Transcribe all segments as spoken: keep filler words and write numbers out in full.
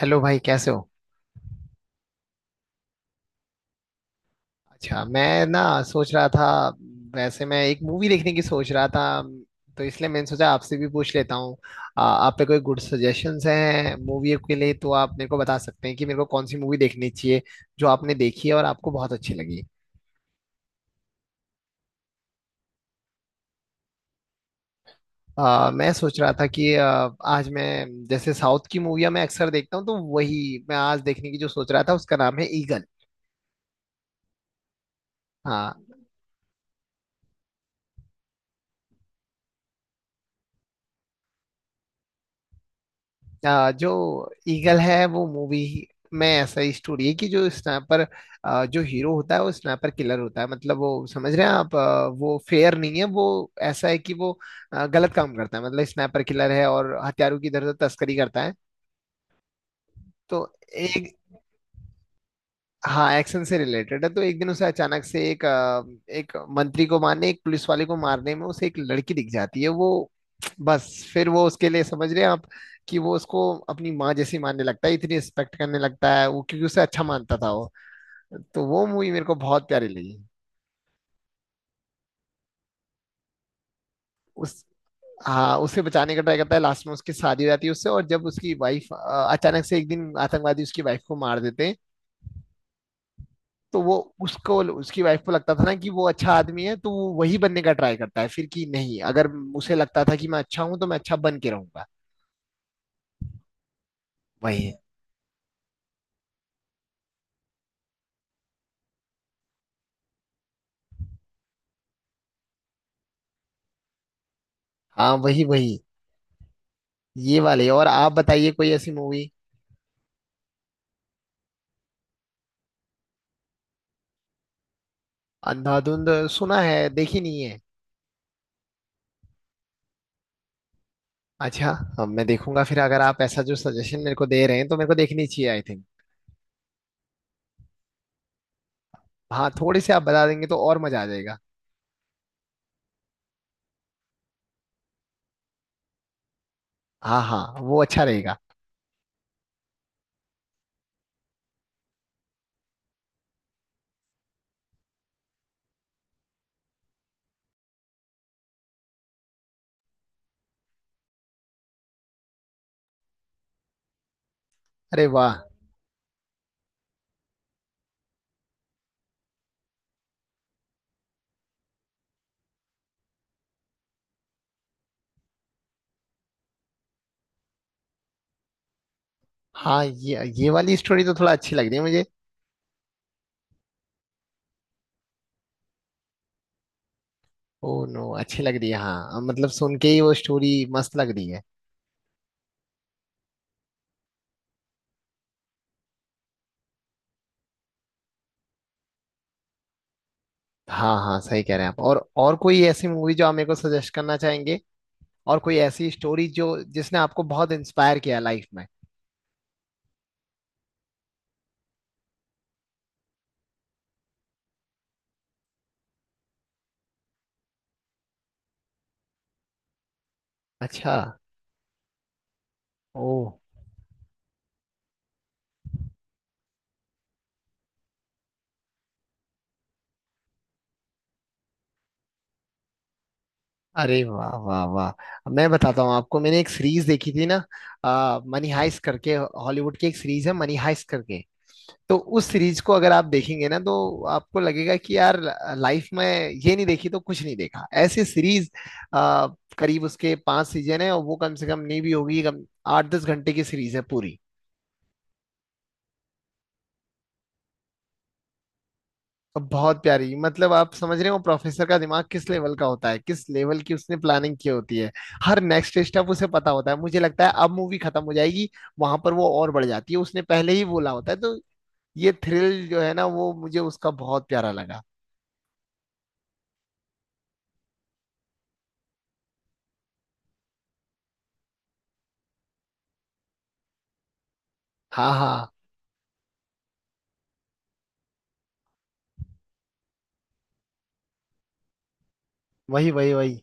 Hello भाई, कैसे हो। अच्छा, मैं ना सोच रहा था। वैसे, मैं एक मूवी देखने की सोच रहा था। तो इसलिए मैंने सोचा आपसे भी पूछ लेता हूँ। आ, आप पे कोई गुड सजेशंस हैं मूवी के लिए, तो आप मेरे को बता सकते हैं कि मेरे को कौन सी मूवी देखनी चाहिए, जो आपने देखी है और आपको बहुत अच्छी लगी। आ, मैं सोच रहा था कि आ, आज मैं जैसे साउथ की मूवियाँ मैं अक्सर देखता हूँ, तो वही मैं आज देखने की जो सोच रहा था उसका नाम है ईगल। हाँ। आ, जो ईगल है वो मूवी में ऐसा ही स्टोरी है कि जो स्नाइपर आ, जो हीरो होता है वो स्नाइपर किलर होता है, मतलब वो, समझ रहे हैं आप। आ, वो फेयर नहीं है, वो ऐसा है कि वो आ, गलत काम करता है, मतलब स्नाइपर किलर है और हथियारों की इधर उधर तस्करी करता है। तो एक हाँ, एक्शन से रिलेटेड है। तो एक दिन उसे अचानक से एक अ, एक मंत्री को मारने, एक पुलिस वाले को मारने में उसे एक लड़की दिख जाती है। वो बस फिर वो उसके लिए, समझ रहे हैं आप, कि वो उसको अपनी माँ जैसी मानने लगता है, इतनी रिस्पेक्ट करने लगता है वो, क्योंकि उसे अच्छा मानता था वो। तो वो मूवी मेरे को बहुत प्यारी लगी। उस हाँ, उसे बचाने का ट्राई करता है, लास्ट में उसकी शादी हो जाती है उससे, और जब उसकी वाइफ अचानक से एक दिन आतंकवादी उसकी वाइफ को मार देते हैं। तो वो, उसको उसकी वाइफ को लगता था ना कि वो अच्छा आदमी है, तो वो वही बनने का ट्राई करता है फिर, कि नहीं, अगर उसे लगता था कि मैं अच्छा हूं तो मैं अच्छा बन के रहूंगा। वही है। हाँ, वही वही। ये वाले, और आप बताइए कोई ऐसी मूवी। अंधाधुंध सुना है, देखी नहीं है। अच्छा। हाँ, मैं देखूंगा फिर, अगर आप ऐसा जो सजेशन मेरे को दे रहे हैं तो मेरे को देखनी चाहिए, आई थिंक। हाँ, थोड़े से आप बता देंगे तो और मजा आ जाएगा। हाँ हाँ, वो अच्छा रहेगा। अरे वाह। हाँ, ये ये वाली स्टोरी तो थोड़ा अच्छी लग रही है मुझे। ओ नो, अच्छी लग रही है। हाँ, मतलब सुन के ही वो स्टोरी मस्त लग रही है। हाँ हाँ, सही कह रहे हैं आप। और और कोई ऐसी मूवी जो आप मेरे को सजेस्ट करना चाहेंगे, और कोई ऐसी स्टोरी जो जिसने आपको बहुत इंस्पायर किया लाइफ में। अच्छा। ओ। अरे वाह वाह वाह, मैं बताता हूँ आपको। मैंने एक सीरीज देखी थी ना, आ, मनी हाइस्ट करके, हॉलीवुड की एक सीरीज है, मनी हाइस्ट करके। तो उस सीरीज को अगर आप देखेंगे ना, तो आपको लगेगा कि यार, लाइफ में ये नहीं देखी तो कुछ नहीं देखा, ऐसी सीरीज। करीब उसके पांच सीजन है, और वो कम से कम नहीं भी होगी, कम आठ दस घंटे की सीरीज है पूरी। और बहुत प्यारी, मतलब आप समझ रहे हो प्रोफेसर का दिमाग किस लेवल का होता है, किस लेवल की उसने प्लानिंग की होती है। हर नेक्स्ट स्टेप उसे पता होता है। मुझे लगता है अब मूवी खत्म हो जाएगी, वहां पर वो और बढ़ जाती है, उसने पहले ही बोला होता है, तो। ये थ्रिल जो है ना, वो मुझे उसका बहुत प्यारा लगा। हाँ हाँ, वही वही वही।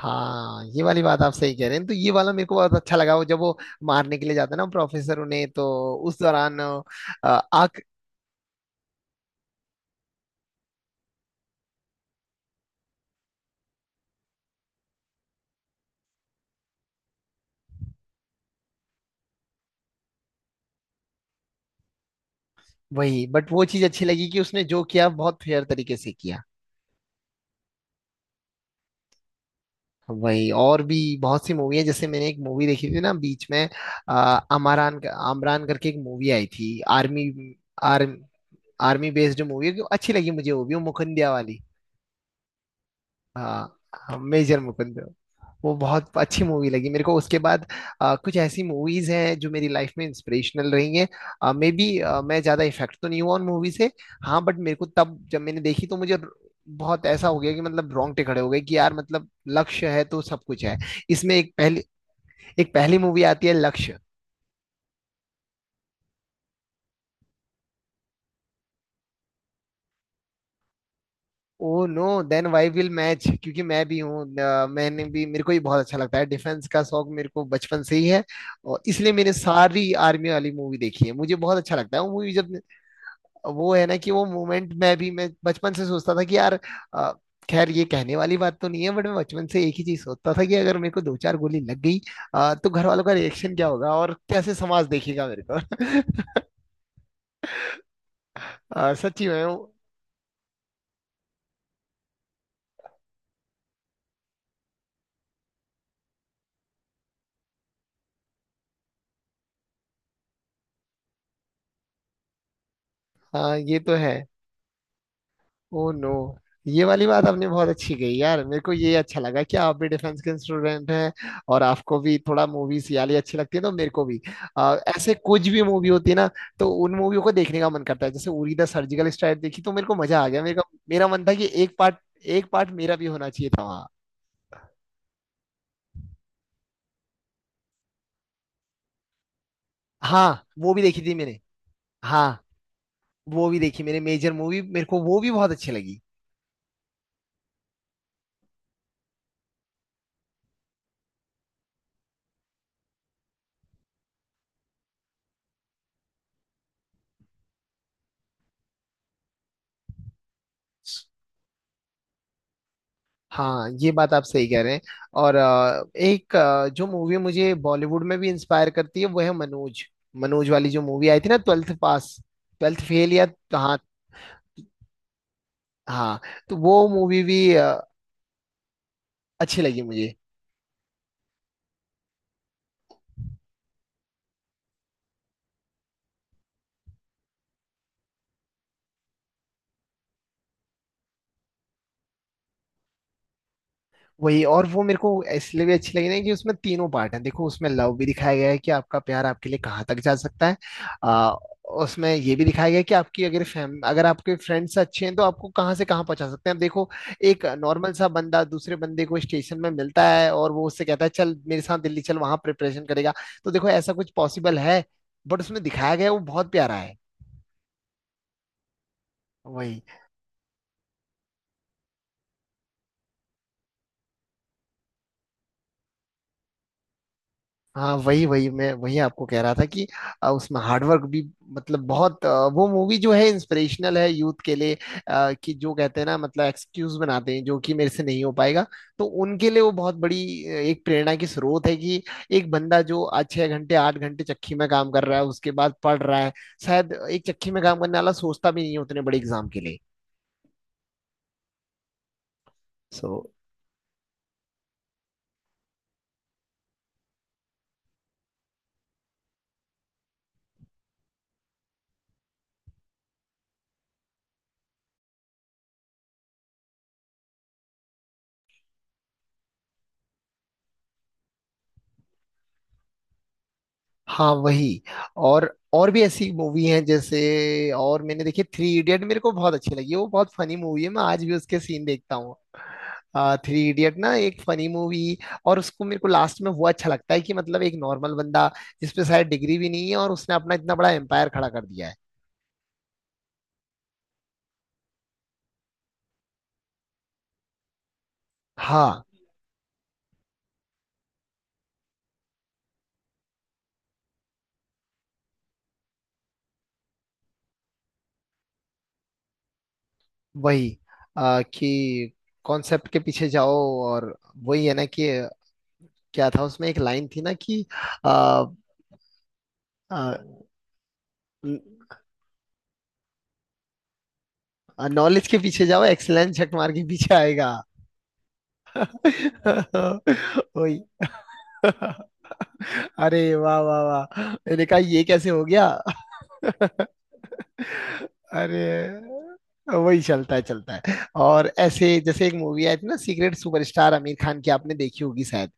हाँ, ये वाली बात आप सही कह रहे हैं। तो ये वाला मेरे को बहुत अच्छा लगा, वो जब वो मारने के लिए जाता है ना प्रोफेसर उन्हें, तो उस दौरान अ, आग। वही, बट वो चीज अच्छी लगी कि उसने जो किया बहुत फेयर तरीके से किया। वही। और भी बहुत सी मूवी है, जैसे मैंने एक मूवी देखी थी ना बीच में। अ, अमरान आमरान करके एक मूवी आई थी, army. Army army based movie अच्छी लगी मुझे, वो भी, वो मुकुंदिया वाली। हाँ, मेजर मुकुंद। वो बहुत अच्छी मूवी लगी मेरे को, उसके बाद अ, कुछ ऐसी मूवीज हैं जो मेरी लाइफ में इंस्पिरेशनल रही हैं, मे बी। मैं ज्यादा इफेक्ट तो नहीं हुआ उन मूवी से। हाँ, बट मेरे को तब जब मैंने देखी तो मुझे बहुत ऐसा हो गया कि, मतलब रोंगटे खड़े हो गए कि यार, मतलब लक्ष्य है तो सब कुछ है। इसमें एक पहली एक पहली मूवी आती है, Lakshya. Oh no. Then why will match, क्योंकि मैं भी हूँ। अ, मैंने भी मेरे को भी बहुत अच्छा लगता है, डिफेंस का शौक मेरे को बचपन से ही है। और इसलिए मैंने सारी आर्मी वाली मूवी देखी है, मुझे बहुत अच्छा लगता है वो मूवी जब। वो है ना कि वो मोमेंट में भी मैं बचपन से सोचता था कि यार, अ, खैर ये कहने वाली बात तो नहीं है, बट मैं बचपन से एक ही चीज सोचता था कि अगर मेरे को दो चार गोली लग गई, अ, तो घर वालों का रिएक्शन क्या होगा और कैसे समाज देखेगा मेरे को। अ, सच्ची में वो- हाँ, ये तो है। Oh no. ये वाली बात आपने बहुत अच्छी कही यार, मेरे को ये अच्छा लगा कि आप भी डिफेंस के स्टूडेंट हैं, और आपको भी थोड़ा मूवीज याली अच्छी लगती है, तो मेरे को भी आ, ऐसे कुछ भी मूवी होती है ना, तो उन मूवियों को देखने का मन करता है। जैसे उरी द सर्जिकल स्ट्राइक देखी तो मेरे को मजा आ गया, मेरे का मेरा मन था कि एक पार्ट एक पार्ट मेरा भी होना चाहिए था वहाँ। हाँ, वो भी देखी थी मैंने। हाँ, वो भी देखी मैंने मेजर मूवी, मेरे को वो भी बहुत अच्छी लगी। हाँ, ये बात आप सही कह रहे हैं। और अ, एक अ, जो मूवी मुझे बॉलीवुड में भी इंस्पायर करती है वो है मनोज, मनोज वाली जो मूवी आई थी ना, ट्वेल्थ पास, ट्वेल्थ फेल या। हाँ हाँ। तो वो मूवी भी अ, अच्छी लगी मुझे। वही, और वो मेरे को इसलिए भी अच्छी लगी ना कि उसमें तीनों पार्ट हैं। देखो, उसमें लव भी दिखाया गया है कि आपका प्यार आपके लिए कहाँ तक जा सकता है। आ, उसमें ये भी दिखाया गया है कि आपकी अगर फैम अगर आपके फ्रेंड्स अच्छे हैं तो आपको कहाँ से कहाँ पहुंचा सकते हैं। अब देखो, एक नॉर्मल सा बंदा दूसरे बंदे को स्टेशन में मिलता है, और वो उससे कहता है, चल मेरे साथ दिल्ली चल, वहां प्रिपरेशन करेगा। तो देखो, ऐसा कुछ पॉसिबल है, बट उसमें दिखाया गया है, वो बहुत प्यारा है। वही। हाँ, वही वही, मैं वही आपको कह रहा था कि अ, उसमें हार्डवर्क भी, मतलब बहुत, अ, वो मूवी जो है इंस्पिरेशनल है यूथ के लिए। अ, कि जो कहते हैं ना, मतलब एक्सक्यूज बनाते हैं जो कि मेरे से नहीं हो पाएगा, तो उनके लिए वो बहुत बड़ी अ, एक प्रेरणा की स्रोत है कि एक बंदा जो आज छह घंटे आठ घंटे चक्की में काम कर रहा है, उसके बाद पढ़ रहा है। शायद एक चक्की में काम करने वाला सोचता भी नहीं है उतने बड़े एग्जाम के लिए। सो, हाँ, वही। और और भी ऐसी मूवी हैं, जैसे और मैंने देखी थ्री इडियट, मेरे को बहुत अच्छी लगी। वो बहुत फनी मूवी है, मैं आज भी उसके सीन देखता हूँ। थ्री इडियट ना, एक फनी मूवी। और उसको मेरे को लास्ट में वो अच्छा लगता है कि, मतलब एक नॉर्मल बंदा जिसपे शायद डिग्री भी नहीं है और उसने अपना इतना बड़ा एम्पायर खड़ा कर दिया है। हाँ, वही। आ, कि कॉन्सेप्ट के पीछे जाओ, और वही है ना कि, क्या था उसमें एक लाइन थी ना कि आ, नॉलेज के पीछे जाओ, एक्सलेंस झक मार के पीछे आएगा। वही। अरे वाह वाह वाह, मैंने कहा ये कैसे हो गया। अरे, वही चलता है चलता है। और ऐसे जैसे एक मूवी आई थी ना, सीक्रेट सुपरस्टार आमिर खान की, आपने देखी होगी शायद।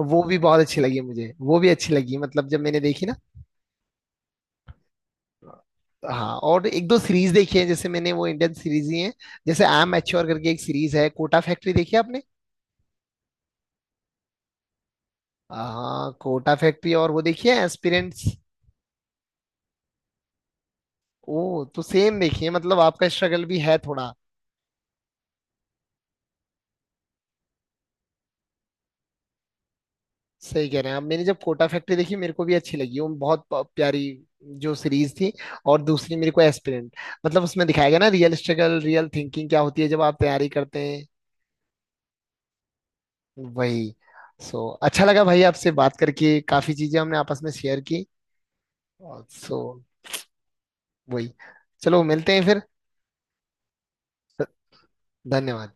वो भी बहुत अच्छी लगी मुझे, वो भी अच्छी लगी, मतलब जब मैंने देखी ना। हाँ, और एक दो सीरीज देखी है जैसे, मैंने वो इंडियन सीरीज ही है, जैसे आई एम मैच्योर करके एक सीरीज है, कोटा फैक्ट्री देखी है आपने। हाँ, कोटा फैक्ट्री, और वो देखी है एस्पिरेंट्स। ओ, तो सेम देखिए, मतलब आपका स्ट्रगल भी है थोड़ा। सही कह रहे हैं आप। मैंने जब कोटा फैक्ट्री देखी, मेरे को भी अच्छी लगी, वो बहुत प- प्यारी जो सीरीज थी। और दूसरी मेरे को एस्पिरेंट, मतलब उसमें दिखाया गया ना रियल स्ट्रगल रियल थिंकिंग क्या होती है जब आप तैयारी करते हैं। वही। सो अच्छा लगा भाई आपसे बात करके, काफी चीजें हमने आपस में शेयर की। सो, वही। चलो मिलते हैं फिर। धन्यवाद।